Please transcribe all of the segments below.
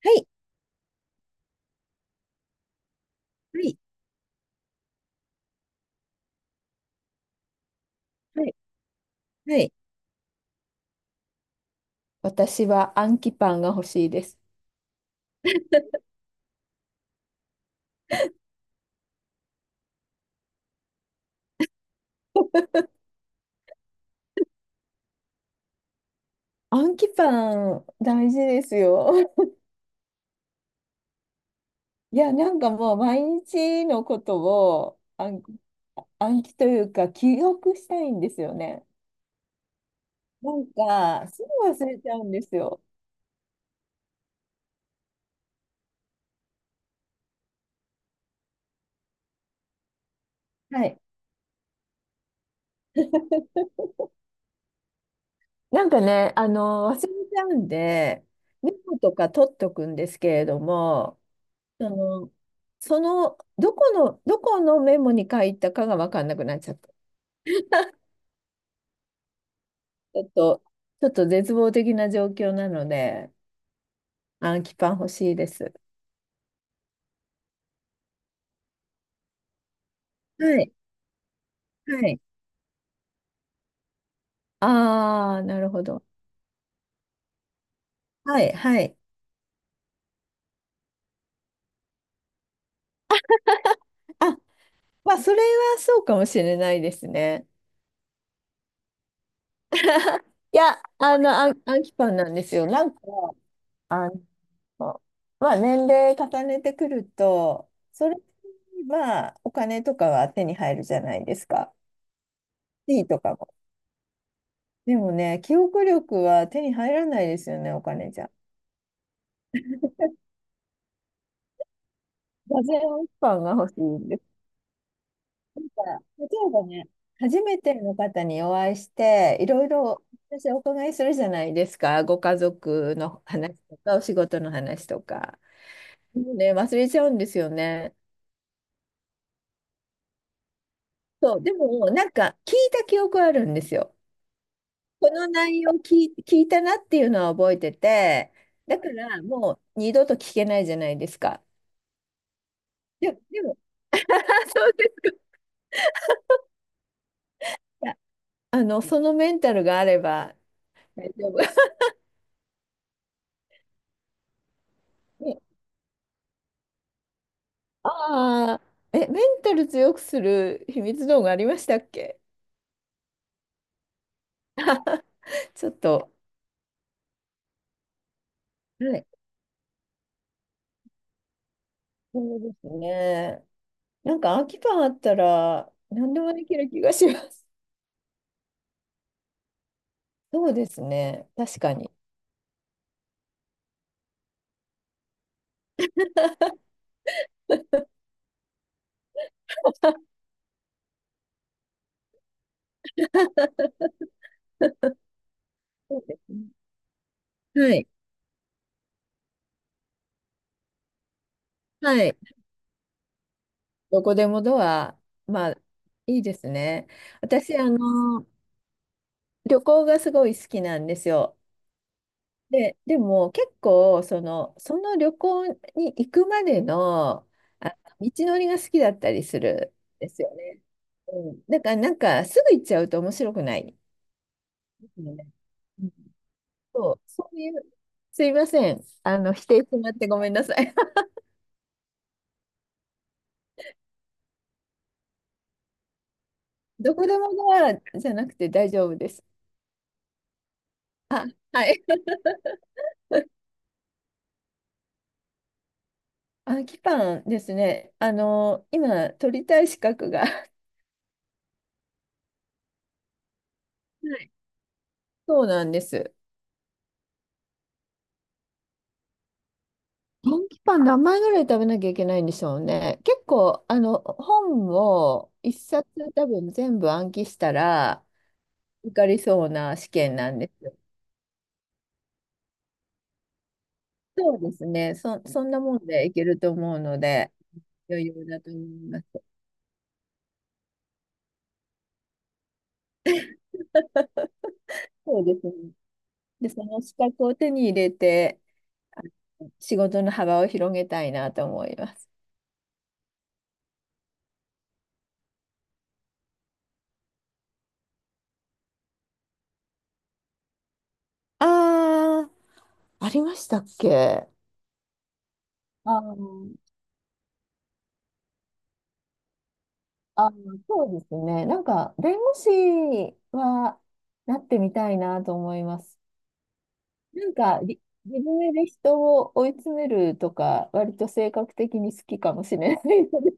はい、はい、はい、はい。私はアンキパンが欲しいです。アンキパン、大事ですよ。いや、なんかもう毎日のことを暗記というか記憶したいんですよね。なんか、すぐ忘れちゃうんですよ。はい。なんかね、忘れちゃうんで、メモとか取っとくんですけれども、その、その、どこのメモに書いたかが分かんなくなっちゃう。ちょっと、ちょっと絶望的な状況なので、アンキパン欲しいです。はい、はい。ああ、なるほど。はい、はい。あ、まあ、それはそうかもしれないですね。いや、アンキパンなんですよ。なんか、あの、まあ、年齢重ねてくると、それはお金とかは手に入るじゃないですか。地位とかも。でもね、記憶力は手に入らないですよね、お金じゃ。座禅アンキパンが欲しいんです。例えばね、初めての方にお会いして、いろいろ私お伺いするじゃないですか。ご家族の話とか、お仕事の話とか。もうね、忘れちゃうんですよね。そう、でも、なんか聞いた記憶あるんですよ。この内容聞いたなっていうのは覚えてて、だからもう二度と聞けないじゃないですか。でも、あ、そうですか。そのメンタルがあれば大丈夫。ああ、え、メンタル強くする秘密道具ありましたっけ？ ちょっと。はい。そうですね。なんか空き缶あったら何でもできる気がします。そうですね。確かに。そうですね。はい。はい。どこでもドア、まあ、いいですね。あー旅行がすごい好きなんですよ。でも結構その旅行に行くまでの、道のりが好きだったりするんですよね。うん、だからなんかすぐ行っちゃうと面白くない。うん、うん、そう、そういう、すいません。否定してもらってごめんなさい。どこでもドアじゃなくて大丈夫です。あ、はい。あ、キパンですね。今、取りたい資格が そうなんです。ドンキパン何枚ぐらい食べなきゃいけないんでしょうね。結構、本を一冊多分全部暗記したら受かりそうな試験なんですよ。そうですね。そんなもんでいけると思うので、余裕だと思います。そうですね。で、その資格を手に入れて、仕事の幅を広げたいなと思います。ああ、ありましたっけ？ああー。あ、そうですね。なんか、弁護士はなってみたいなと思います。なんか、自分で人を追い詰めるとか、割と性格的に好きかもしれないので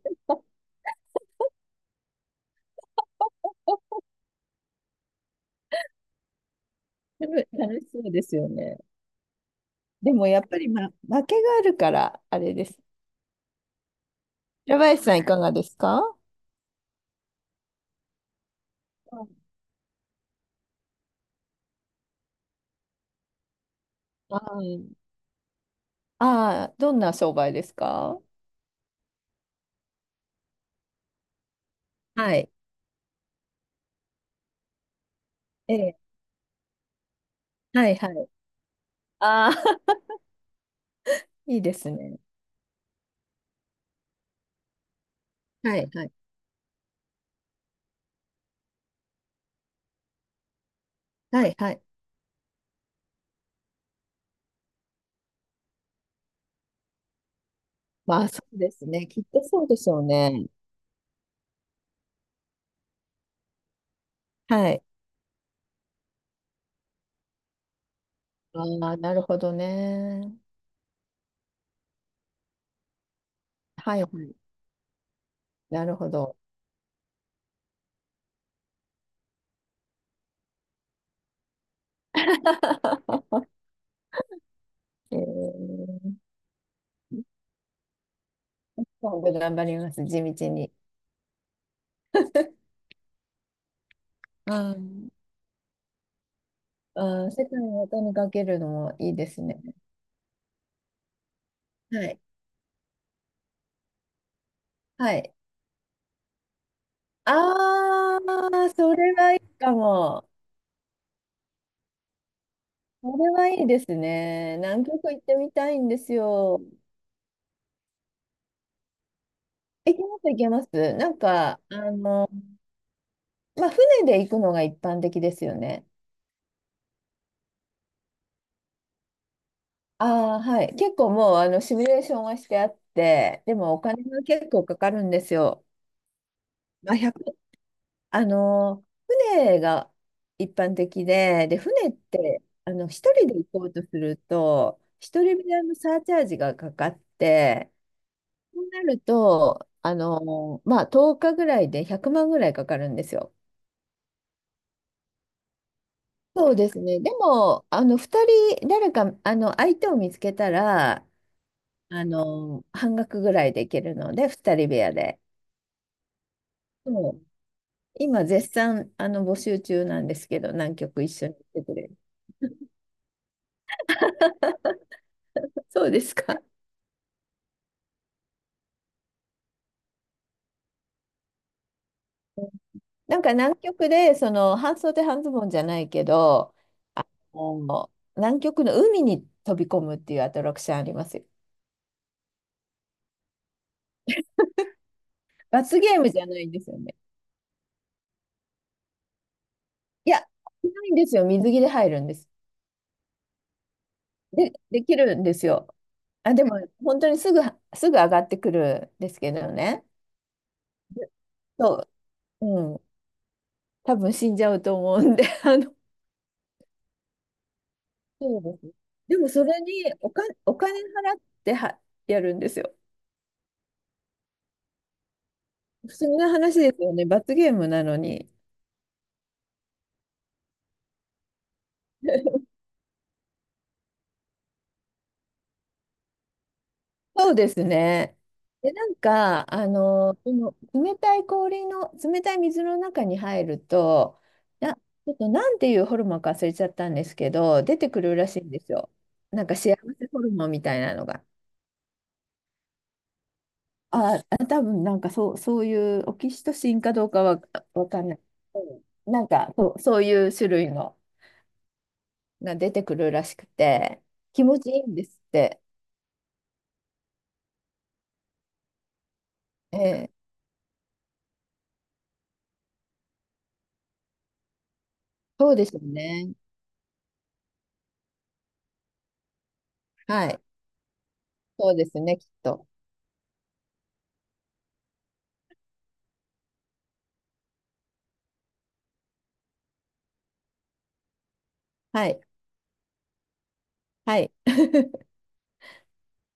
楽しそうですよね。でもやっぱり、負けがあるから、あれです。平林さん、いかがですか？あどんな商売ですか？はい。ええ。はいはい。ああ、いいですね。はいはい。はいはい。まあ、そうですね。きっとそうでしょうね。はい。ああ、なるほどね。はいはい。なるほど。えー、今度頑張ります。地道に。あー世界の音にかけるのもいいですね。はい。はい。ああ、それはいいかも。それはいいですね。南極行ってみたいんですよ。行けます、行けます。なんか、まあ、船で行くのが一般的ですよね。ああ、はい。結構もうシミュレーションはしてあって、でもお金が結構かかるんですよ。まあ、1あの、船が一般的で、で、船って、一人で行こうとすると、一人分のサーチャージがかかって、そうなると、まあ、10日ぐらいで100万ぐらいかかるんですよ。そうですね。でも、2人、誰か、相手を見つけたら、半額ぐらいで行けるので、二人部屋で。そう、今絶賛募集中なんですけど、南極一緒に行ってくれる？そうですか。なんか南極でその半袖半ズボンじゃないけど、もう南極の海に飛び込むっていうアトラクションありますよ。罰ゲームじゃないんですよね。いや、ないんですよ。水着で入るんです。できるんですよ。あ、でも本当にすぐ上がってくるんですけどね。で、そう、うん。多分死んじゃうと思うんで、そうです。でもそれにお金払ってはやるんですよ。不思議な話ですよね。罰ゲームなのに。そうですね。で、なんか、この冷たい氷の、冷たい水の中に入ると、ちょっとなんていうホルモンか忘れちゃったんですけど、出てくるらしいんですよ。なんか幸せホルモンみたいなのが。あ、多分なんかそう、そういうオキシトシンかどうかはわかんない。うん、なんかそう、そういう種類の。が出てくるらしくて、気持ちいいんですって。ええ、そうでしょうね。はい。そうですね、きっと。はい。はい。